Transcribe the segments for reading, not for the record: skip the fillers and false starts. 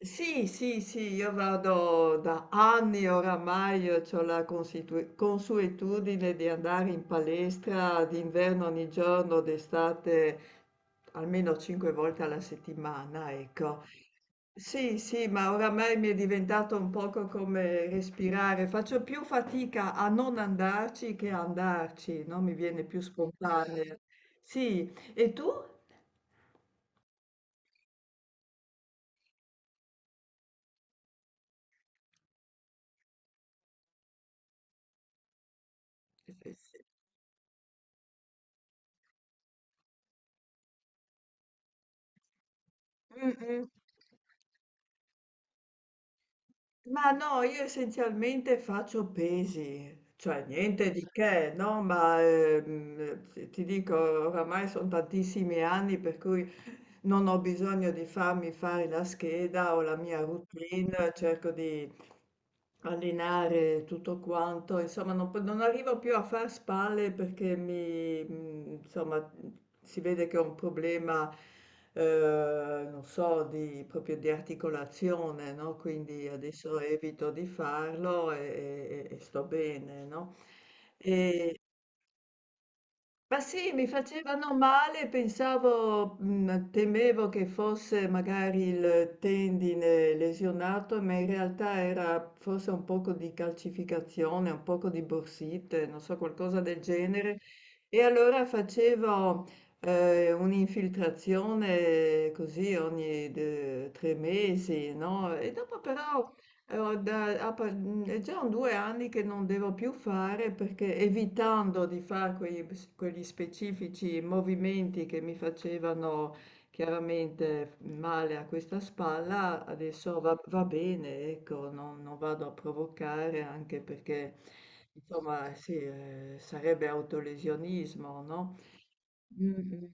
Sì, sì, sì, io vado da anni oramai, ho la consuetudine di andare in palestra d'inverno ogni giorno, d'estate almeno 5 volte alla settimana, ecco. Sì, sì, ma oramai mi è diventato un poco come respirare. Faccio più fatica a non andarci che a andarci, no? Mi viene più spontaneo. Sì, e tu? Mm, mm. Ma no, io essenzialmente faccio pesi, cioè niente di che, no? Ma ti dico, oramai sono tantissimi anni per cui non ho bisogno di farmi fare la scheda o la mia routine, cerco di allenare tutto quanto, insomma non, non arrivo più a far spalle perché mi, insomma, si vede che ho un problema, non so, di, proprio di articolazione, no? Quindi adesso evito di farlo e sto bene, no? Ma sì, mi facevano male, pensavo, temevo che fosse magari il tendine lesionato, ma in realtà era forse un poco di calcificazione, un poco di borsite, non so, qualcosa del genere. E allora facevo un'infiltrazione così ogni 3 mesi, no? E dopo però allora, è già un due anni che non devo più fare perché evitando di fare quegli, quegli specifici movimenti che mi facevano chiaramente male a questa spalla, adesso va, va bene, ecco, non, non vado a provocare anche perché, insomma, sì, sarebbe autolesionismo, no? Mm,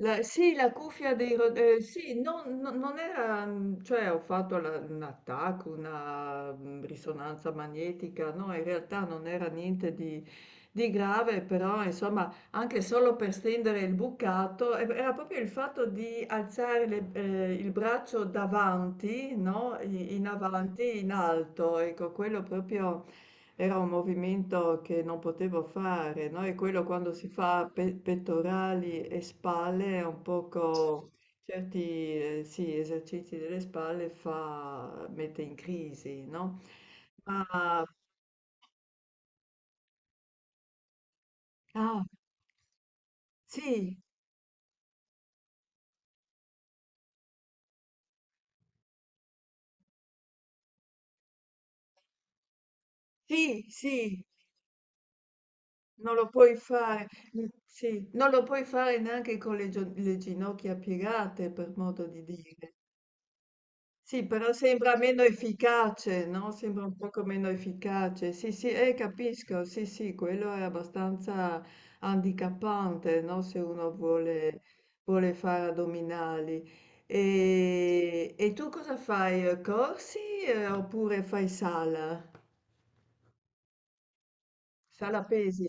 la sì, la cuffia dei ro sì, non era cioè ho fatto la una TAC, una, risonanza magnetica, no, in realtà non era niente di grave, però insomma anche solo per stendere il bucato, e era proprio il fatto di alzare le il braccio davanti, no, i in avanti, in alto, ecco, quello proprio era un movimento che non potevo fare, no? E quello quando si fa pettorali e spalle è un poco certi sì, esercizi delle spalle fa, mette in crisi, no? Ma ah, sì, sì, sì, non lo puoi fare, mm, sì, non lo puoi fare neanche con le, le ginocchia piegate, per modo di dire. Sì, però sembra meno efficace, no, sembra un poco meno efficace. Sì, sì, capisco, sì, sì, quello è abbastanza handicappante, no, se uno vuole, vuole fare addominali. E tu cosa fai? Eh, corsi, oppure fai sala? Sala pesi?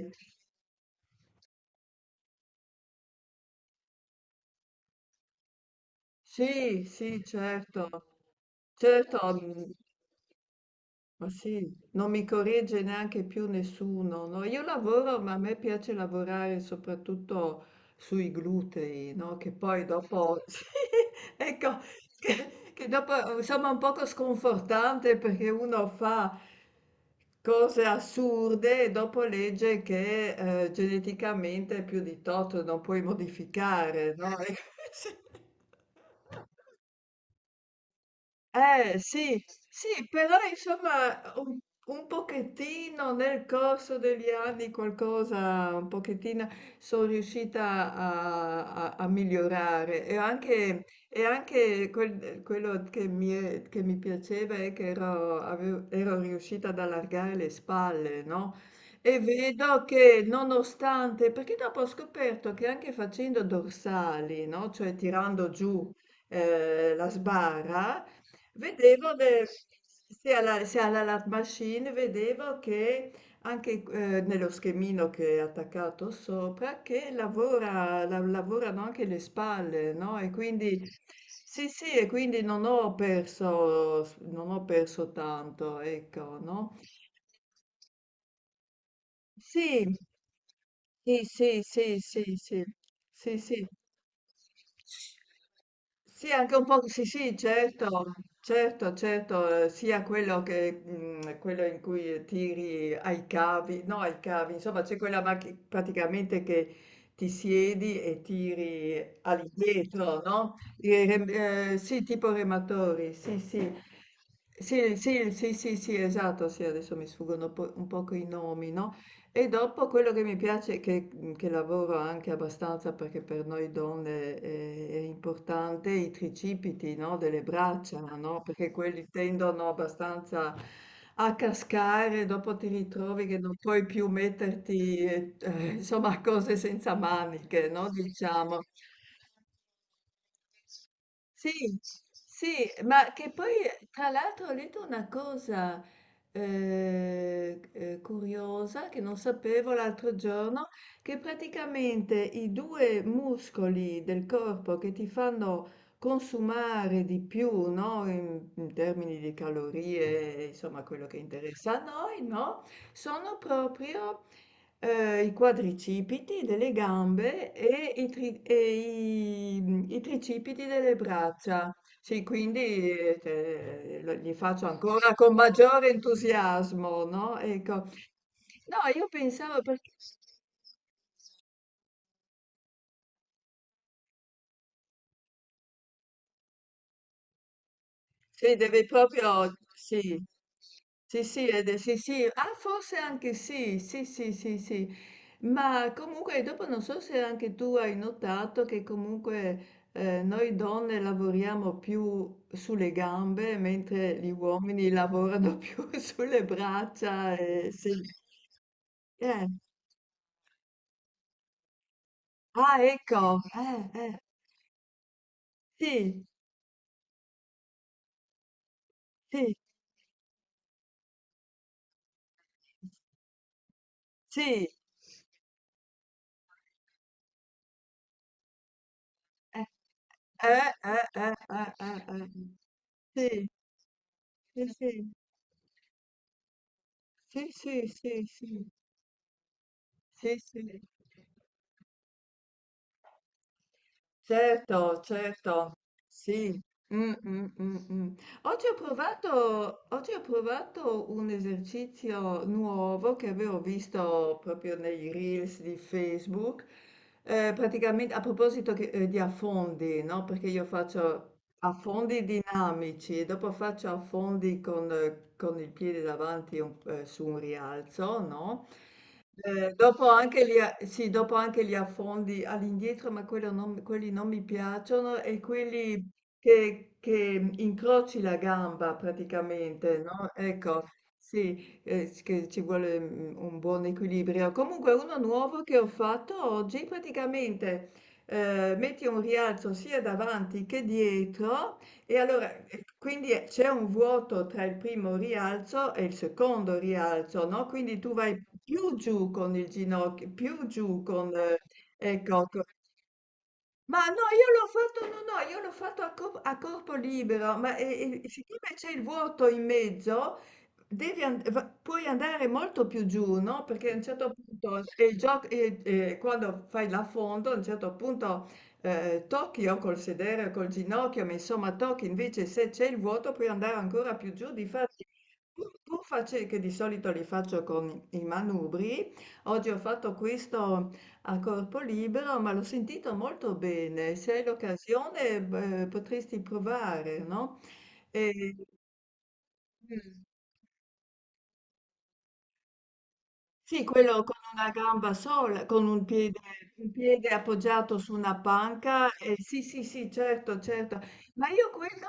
Sì, sì, certo. Certo, mm. Ma sì, non mi corregge neanche più nessuno, no? Io lavoro, ma a me piace lavorare soprattutto sui glutei, no? Che poi dopo, sì, ecco, che dopo insomma è un poco sconfortante perché uno fa cose assurde e dopo legge che geneticamente più di tot non puoi modificare, no? Ecco, sì. Eh sì, sì, però insomma un pochettino nel corso degli anni qualcosa, un pochettino sono riuscita a migliorare e anche quello che mi, che mi piaceva è che ero riuscita ad allargare le spalle, no? E vedo che nonostante, perché dopo ho scoperto che anche facendo dorsali, no? Cioè tirando giù la sbarra. Vedevo, beh, se alla Lab Machine, vedevo che anche nello schemino che è attaccato sopra, che lavorano anche le spalle, no? E quindi, sì, sì, e quindi non ho perso, non ho perso tanto, ecco, no? Sì, sì, sì, sì, sì, sì, sì, sì. Sì, anche un po', sì, sì, certo, certo, certo, sia quello che quello in cui tiri ai cavi, no, ai cavi, insomma, c'è quella macchina praticamente che ti siedi e tiri all'indietro, no? I rem- sì, tipo rematori, sì, sì. Sì, sì, sì, sì, sì, esatto, sì, adesso mi sfuggono un poco i nomi, no? E dopo quello che mi piace, che lavoro anche abbastanza perché per noi donne è importante, i tricipiti, no, delle braccia, no, perché quelli tendono abbastanza a cascare, dopo ti ritrovi che non puoi più metterti, insomma, cose senza maniche, no, diciamo. Sì, sì, ma che poi tra l'altro ho letto una cosa curiosa che non sapevo l'altro giorno, che praticamente i due muscoli del corpo che ti fanno consumare di più, no, in termini di calorie, insomma, quello che interessa a noi, no, sono proprio i quadricipiti delle gambe e, i tricipiti delle braccia. Sì, quindi li faccio ancora con maggiore entusiasmo, no? Ecco. No, io pensavo perché... Sì, devi proprio sì. Sì, sì, sì, sì, ah, forse anche sì, sì, sì, sì, sì, ma comunque dopo non so se anche tu hai notato che comunque noi donne lavoriamo più sulle gambe, mentre gli uomini lavorano più sulle braccia, e, sì. Eh, ah, ecco, sì, sì, sì, eh, eh, eh, eh, eh, eh, eh, sì. Sì, sì, sì, sì, sì, sì, sì, sì. Certo, certo, sì. Mm, mm, mm, mm. Oggi ho provato un esercizio nuovo che avevo visto proprio nei reels di Facebook, praticamente a proposito di affondi, no? Perché io faccio affondi dinamici e dopo faccio affondi con il piede davanti su un rialzo, no? Dopo anche li a sì, dopo anche li affondi all'indietro, ma quello non quelli non mi piacciono e quelli che incroci la gamba praticamente, no, ecco, sì, s che ci vuole, un buon equilibrio. Comunque uno nuovo che ho fatto oggi, praticamente, metti un rialzo sia davanti che dietro e allora, e quindi c'è un vuoto tra il primo rialzo e il secondo rialzo, no? Quindi tu vai più giù con il ginocchio, più giù con, ecco, ma no, io l'ho fatto, no, no, io l'ho fatto a corpo libero, ma e siccome c'è il vuoto in mezzo, puoi andare molto più giù, no? Perché a un certo punto, e il gioco, e quando fai l'affondo, a un certo punto tocchi o col sedere o col ginocchio, ma insomma tocchi, invece se c'è il vuoto puoi andare ancora più giù, difatti... Pur pur face- che di solito li faccio con i manubri, oggi ho fatto questo a corpo libero, ma l'ho sentito molto bene. Se hai l'occasione, beh, potresti provare, no? E- Mm. Sì, quello con una gamba sola, con un piede appoggiato su una panca. Eh, sì, sì, sì, certo, certo. Ma io quello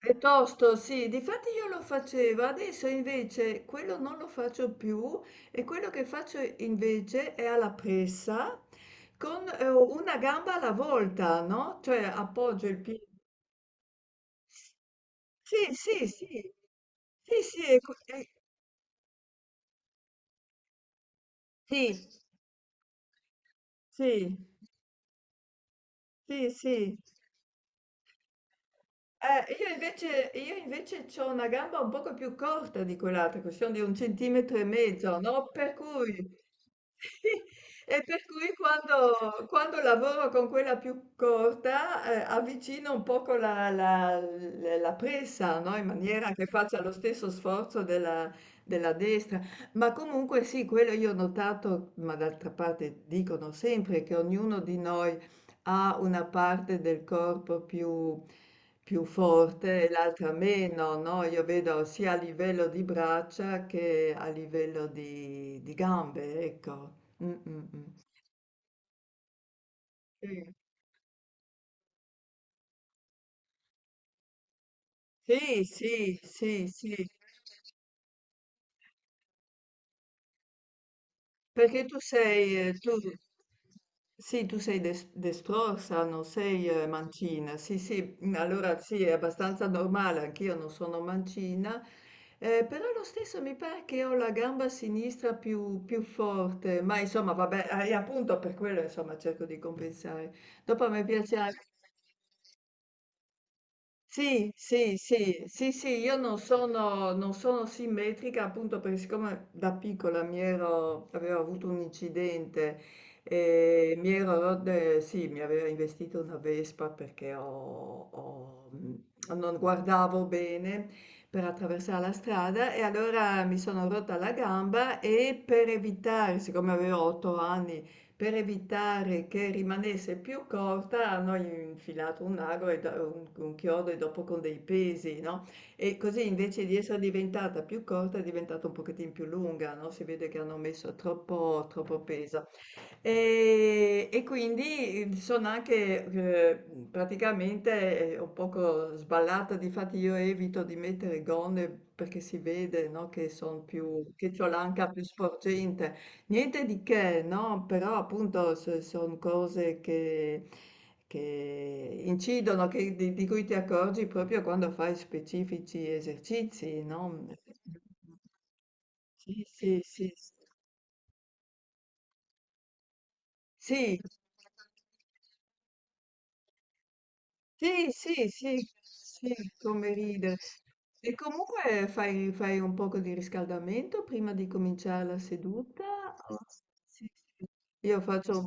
piuttosto, sì, difatti io lo facevo, adesso invece quello non lo faccio più e quello che faccio invece è alla pressa con una gamba alla volta, no? Cioè appoggio il piede. Sì, sì, sì, sì, sì, sì, sì, sì, sì. Io invece ho una gamba un poco più corta di quell'altra, che sono di un centimetro e mezzo, no? Per cui, e per cui quando, quando lavoro con quella più corta, avvicino un poco la presa, no? In maniera che faccia lo stesso sforzo della, della destra. Ma comunque sì, quello io ho notato, ma d'altra parte dicono sempre che ognuno di noi ha una parte del corpo più, più forte e l'altra meno, no? Io vedo sia a livello di braccia che a livello di gambe, ecco. Mm, mm, mm. Sì, sì, sì, sì, sì. Perché tu sei, tu, sì, tu sei destrorsa, non sei mancina. Sì, sì, mm, allora sì, è abbastanza normale, anch'io non sono mancina, però lo stesso mi pare che ho la gamba sinistra più, più forte, ma insomma, vabbè, appunto per quello, insomma, cerco di compensare. Dopo mi piace anche... Sì, sì, sì, sì, sì, io non sono, non sono simmetrica appunto perché siccome da piccola mi ero, avevo avuto un incidente e sì, mi aveva investito una Vespa perché ho, non guardavo bene per attraversare la strada e allora mi sono rotta la gamba e per evitare, siccome avevo 8 anni, per evitare che rimanesse più corta hanno infilato un ago e da un chiodo e dopo con dei pesi, no, e così invece di essere diventata più corta è diventata un pochettin più lunga, no, si vede che hanno messo troppo troppo peso. E quindi sono anche, praticamente, un poco sballata, difatti io evito di mettere gonne perché si vede, no, che son più che c'ho l'anca più sporgente. Niente di che, no? Però appunto sono cose che incidono, di cui ti accorgi proprio quando fai specifici esercizi, no? Sì, sì, sì, sì, sì, sì, sì, sì, come ridere. E comunque fai, fai un poco di riscaldamento prima di cominciare la seduta? o- Sì, sì. Io faccio un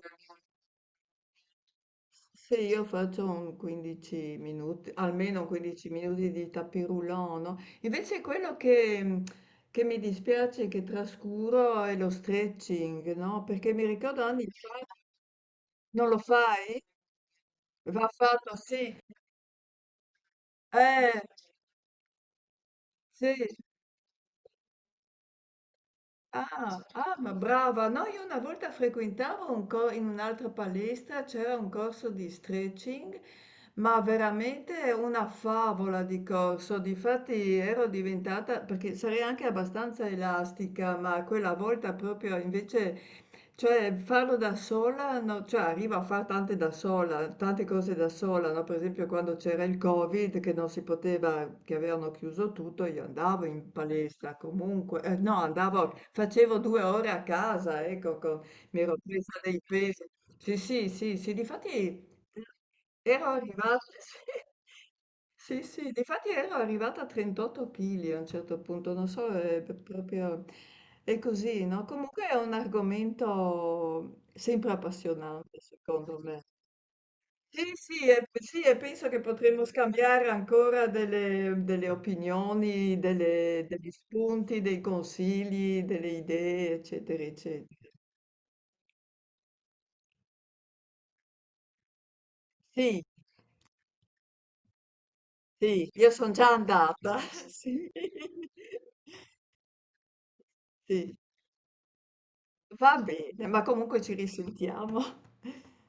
Se io faccio un 15 minuti, almeno 15 minuti di tapis roulant, no? Invece quello che, che mi dispiace, che trascuro, è lo stretching, no? Perché mi ricordo anni fa, non lo fai? Va fatto, sì. Eh, sì, ah, ah, ma brava! No, io una volta frequentavo in un'altra palestra, c'era un corso di stretching, ma veramente una favola di corso. Difatti ero diventata, perché sarei anche abbastanza elastica, ma quella volta proprio invece cioè farlo da sola no, cioè arrivo a far tante da sola, tante cose da sola, no, per esempio quando c'era il Covid che non si poteva, che avevano chiuso tutto, io andavo in palestra comunque, no, andavo, facevo 2 ore a casa, ecco, mi ero presa dei pesi. Sì, sì, sì, sì, difatti ero arrivata, sì. Sì, sì, difatti ero arrivata a 38 kg a un certo punto, non so, è proprio è così, no? Comunque è un argomento sempre appassionante, secondo me. Sì, sì, e, sì, e penso che potremmo scambiare ancora delle, delle opinioni, degli spunti, dei consigli, delle idee, eccetera, eccetera. Sì, sì, io sono già andata, sì. Sì. Va bene, ma comunque ci risentiamo.